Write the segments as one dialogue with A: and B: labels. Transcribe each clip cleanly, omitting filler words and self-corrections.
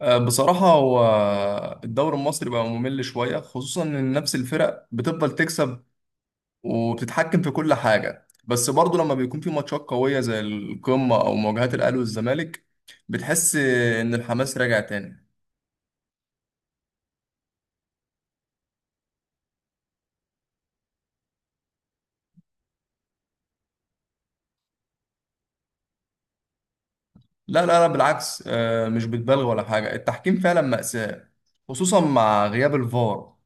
A: آه، بصراحة هو الدوري المصري بقى ممل شوية، خصوصا إن نفس الفرق بتفضل تكسب وبتتحكم في كل حاجة. بس برضه لما بيكون في ماتشات قوية زي القمة أو مواجهات الأهلي والزمالك بتحس إن الحماس راجع تاني. لا لا لا، بالعكس، مش بتبالغ ولا حاجة، التحكيم فعلا مأساة خصوصا مع غياب الفار.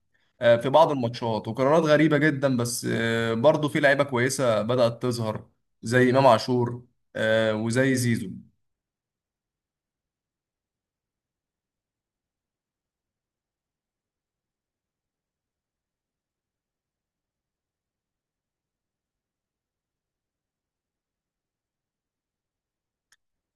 A: في بعض الماتشات وقرارات غريبة جدا، بس برضه في لعيبة كويسة بدأت تظهر زي إمام عاشور، وزي زيزو.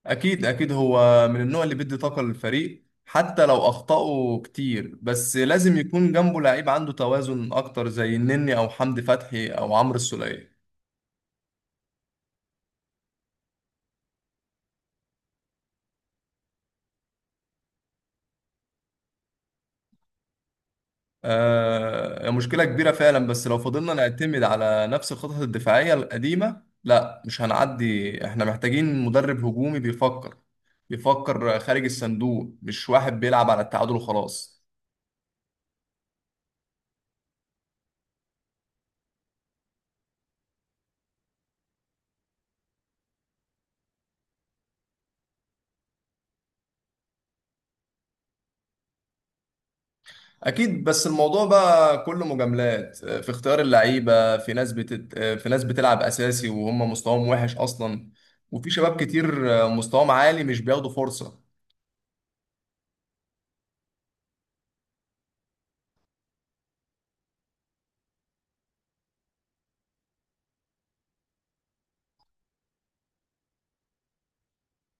A: اكيد اكيد، هو من النوع اللي بيدي طاقه للفريق حتى لو اخطأه كتير، بس لازم يكون جنبه لعيب عنده توازن اكتر زي النني او حمدي فتحي او عمرو السولية. آه، مشكله كبيره فعلا. بس لو فضلنا نعتمد على نفس الخطط الدفاعيه القديمه لا مش هنعدي، احنا محتاجين مدرب هجومي بيفكر خارج الصندوق، مش واحد بيلعب على التعادل وخلاص. اكيد، بس الموضوع بقى كله مجاملات في اختيار اللعيبه، في ناس بتلعب اساسي وهم مستواهم وحش اصلا، وفي شباب كتير مستواهم عالي مش بياخدوا فرصه.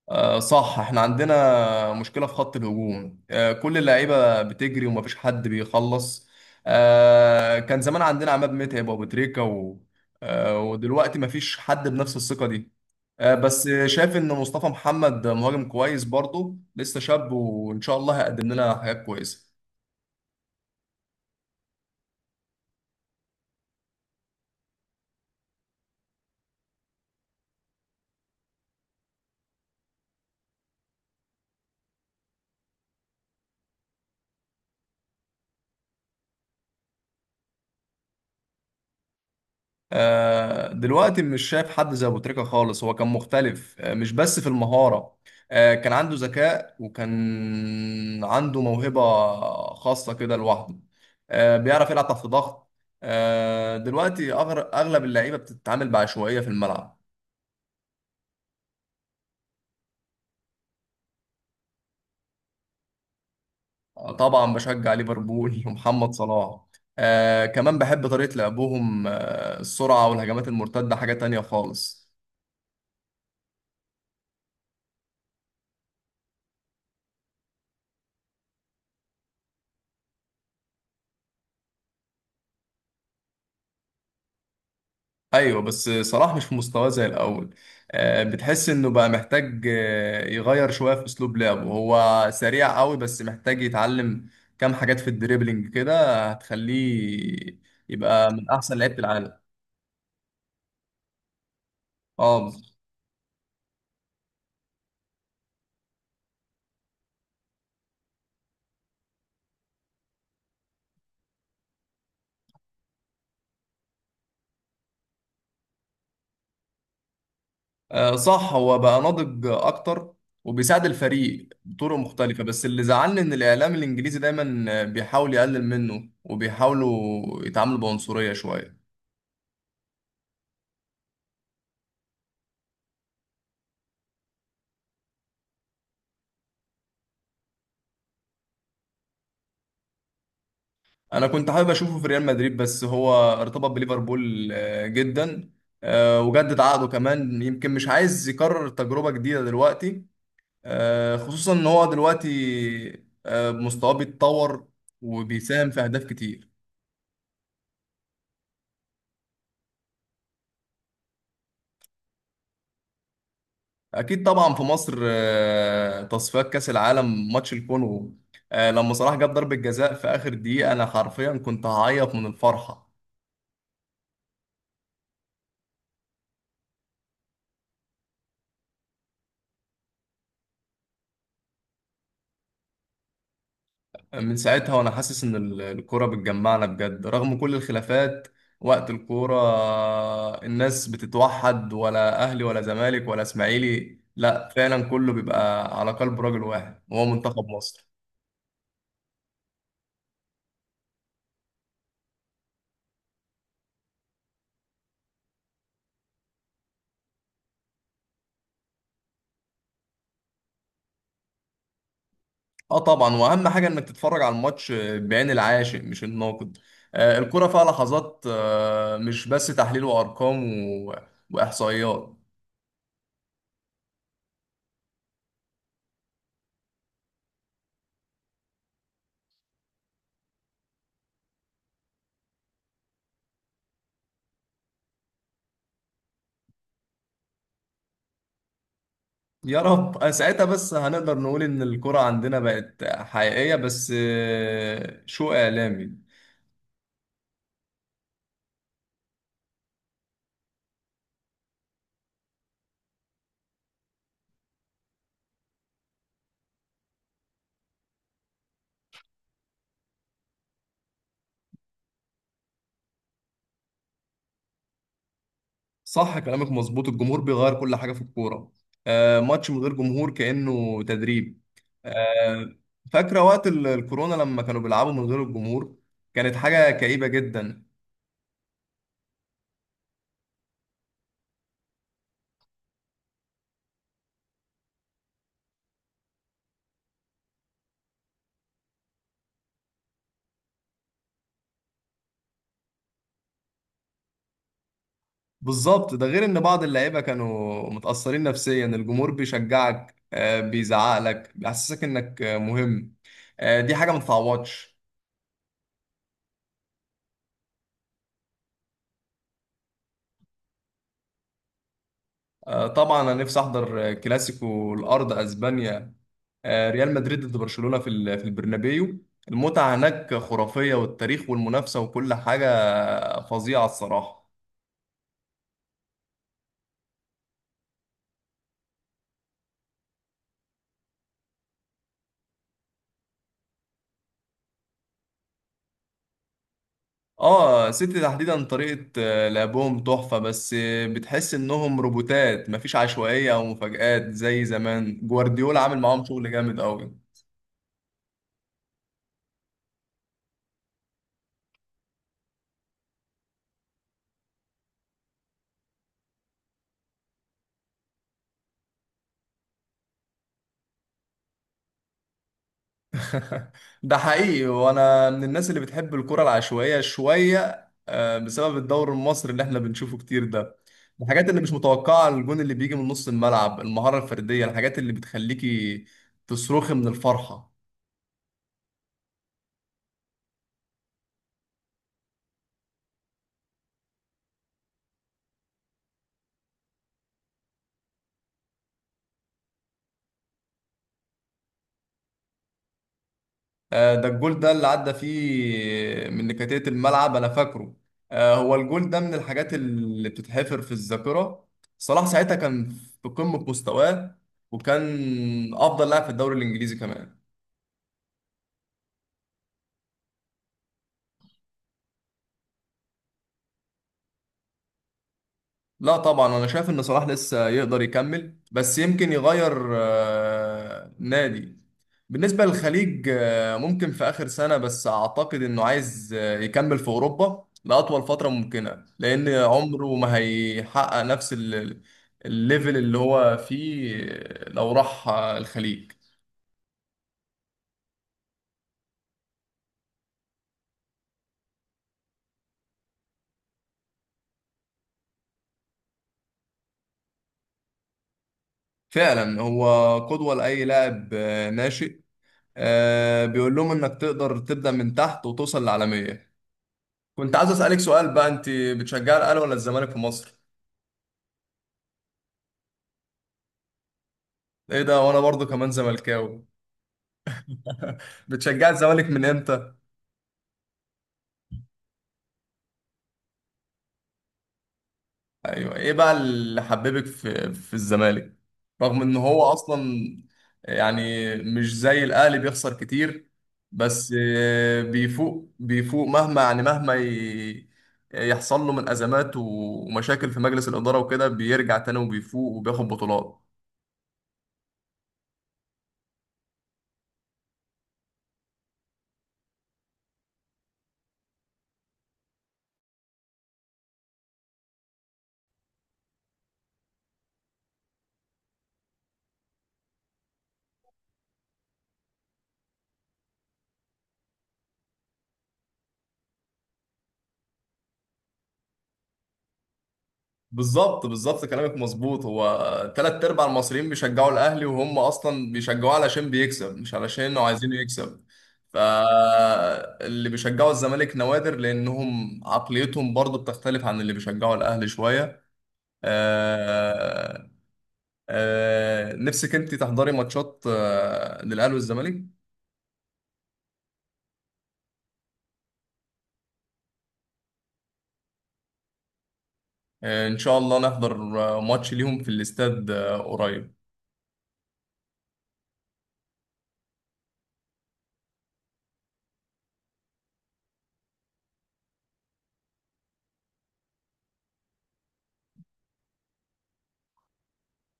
A: آه، صح احنا عندنا مشكلة في خط الهجوم، كل اللعيبة بتجري ومفيش حد بيخلص. كان زمان عندنا عماد متعب وابو تريكة و... آه، ودلوقتي مفيش حد بنفس الثقة دي. بس شايف ان مصطفى محمد مهاجم كويس برضه، لسه شاب وان شاء الله هيقدم لنا حاجات كويسة. دلوقتي مش شايف حد زي ابو تريكة خالص، هو كان مختلف، مش بس في المهارة، كان عنده ذكاء وكان عنده موهبة خاصة كده لوحده، بيعرف يلعب تحت ضغط. دلوقتي أغلب اللعيبة بتتعامل بعشوائية في الملعب. آه، طبعا بشجع ليفربول ومحمد صلاح. كمان بحب طريقة لعبهم، السرعة والهجمات المرتدة حاجة تانية خالص. ايوه، بس صلاح مش في مستواه زي الاول. بتحس انه بقى محتاج يغير شويه في اسلوب لعبه، هو سريع قوي بس محتاج يتعلم كام حاجات في الدريبلينج كده هتخليه يبقى من احسن لعيبه العالم. اه بالظبط. آه، صح هو بقى ناضج اكتر وبيساعد الفريق بطرق مختلفه. بس اللي زعلني ان الاعلام الانجليزي دايما بيحاول يقلل منه وبيحاولوا يتعاملوا بعنصريه شويه. انا كنت حابب اشوفه في ريال مدريد، بس هو ارتبط بليفربول جدا، وجدد عقده كمان. يمكن مش عايز يكرر تجربة جديدة دلوقتي، خصوصا ان هو دلوقتي مستواه بيتطور وبيساهم في اهداف كتير. اكيد طبعا. في مصر تصفيات كاس العالم ماتش الكونغو، لما صلاح جاب ضربة جزاء في اخر دقيقة انا حرفيا كنت هعيط من الفرحة. من ساعتها وانا حاسس ان الكوره بتجمعنا بجد رغم كل الخلافات. وقت الكوره الناس بتتوحد، ولا اهلي ولا زمالك ولا اسماعيلي، لا فعلا كله بيبقى على قلب راجل واحد وهو منتخب مصر. اه طبعا، واهم حاجه انك تتفرج على الماتش بعين العاشق مش الناقد. الكوره فيها لحظات مش بس تحليل وارقام و- واحصائيات. يا رب، ساعتها بس هنقدر نقول ان الكرة عندنا بقت حقيقية. بس شو اعلامي. صح كلامك مظبوط، الجمهور بيغير كل حاجة في الكورة. ماتش من غير جمهور كأنه تدريب. آه، فاكرة وقت الكورونا لما كانوا بيلعبوا من غير الجمهور، كانت حاجة كئيبة جدا. بالظبط، ده غير ان بعض اللعيبة كانوا متأثرين نفسيا. الجمهور بيشجعك بيزعقلك بيحسسك انك مهم، دي حاجة ما تتعوضش. آه، طبعا انا نفسي احضر كلاسيكو الارض اسبانيا، ريال مدريد ضد برشلونة في في البرنابيو. المتعة هناك خرافية، والتاريخ والمنافسة وكل حاجة فظيعة الصراحة. اه، سيتي تحديدا طريقة لعبهم تحفة. بس بتحس انهم روبوتات، مفيش عشوائية او مفاجآت زي زمان، جوارديولا عامل معاهم شغل جامد قوي. ده حقيقي، وانا من الناس اللي بتحب الكرة العشوائية شوية بسبب الدوري المصري اللي احنا بنشوفه كتير ده. الحاجات اللي مش متوقعة، الجون اللي بيجي من نص الملعب، المهارة الفردية، الحاجات اللي بتخليكي تصرخي من الفرحة. آه، ده الجول ده اللي عدى فيه من نكتات الملعب انا فاكره. هو الجول ده من الحاجات اللي بتتحفر في الذاكرة. صلاح ساعتها كان في قمة مستواه، وكان افضل لاعب في الدوري الانجليزي كمان. لا طبعا، انا شايف ان صلاح لسه يقدر يكمل، بس يمكن يغير نادي. بالنسبة للخليج ممكن في آخر سنة، بس أعتقد إنه عايز يكمل في أوروبا لأطول فترة ممكنة، لأن عمره ما هيحقق نفس الليفل اللي هو فيه لو راح الخليج. فعلا هو قدوة لأي لاعب ناشئ، بيقول لهم إنك تقدر تبدأ من تحت وتوصل للعالمية. كنت عايز اسالك سؤال بقى، انت بتشجع الاهلي ولا الزمالك في مصر؟ ايه ده، وانا برضو كمان زملكاوي. بتشجع الزمالك من امتى؟ ايوه، ايه بقى اللي حببك في الزمالك؟ رغم ان هو اصلا يعني مش زي الاهلي بيخسر كتير، بس بيفوق بيفوق مهما يعني يحصل له من ازمات ومشاكل في مجلس الاداره وكده بيرجع تاني وبيفوق وبياخد بطولات. بالظبط بالظبط كلامك مظبوط، هو تلات ارباع المصريين بيشجعوا الاهلي وهم اصلا بيشجعوه علشان بيكسب مش علشان انه عايزينه يكسب. فاللي بيشجعوا الزمالك نوادر، لانهم عقليتهم برضو بتختلف عن اللي بيشجعوا الاهلي شوية. آه نفسك انت تحضري ماتشات للاهلي والزمالك؟ ان شاء الله نحضر ماتش ليهم في الاستاد قريب.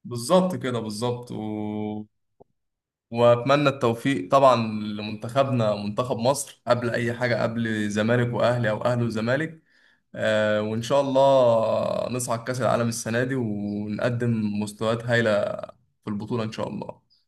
A: بالظبط كده بالظبط واتمنى التوفيق طبعا لمنتخبنا، منتخب مصر، قبل اي حاجه، قبل زمالك واهلي او اهلي وزمالك. وان شاء الله نصعد كاس العالم السنه دي ونقدم مستويات هايله في البطوله ان شاء الله.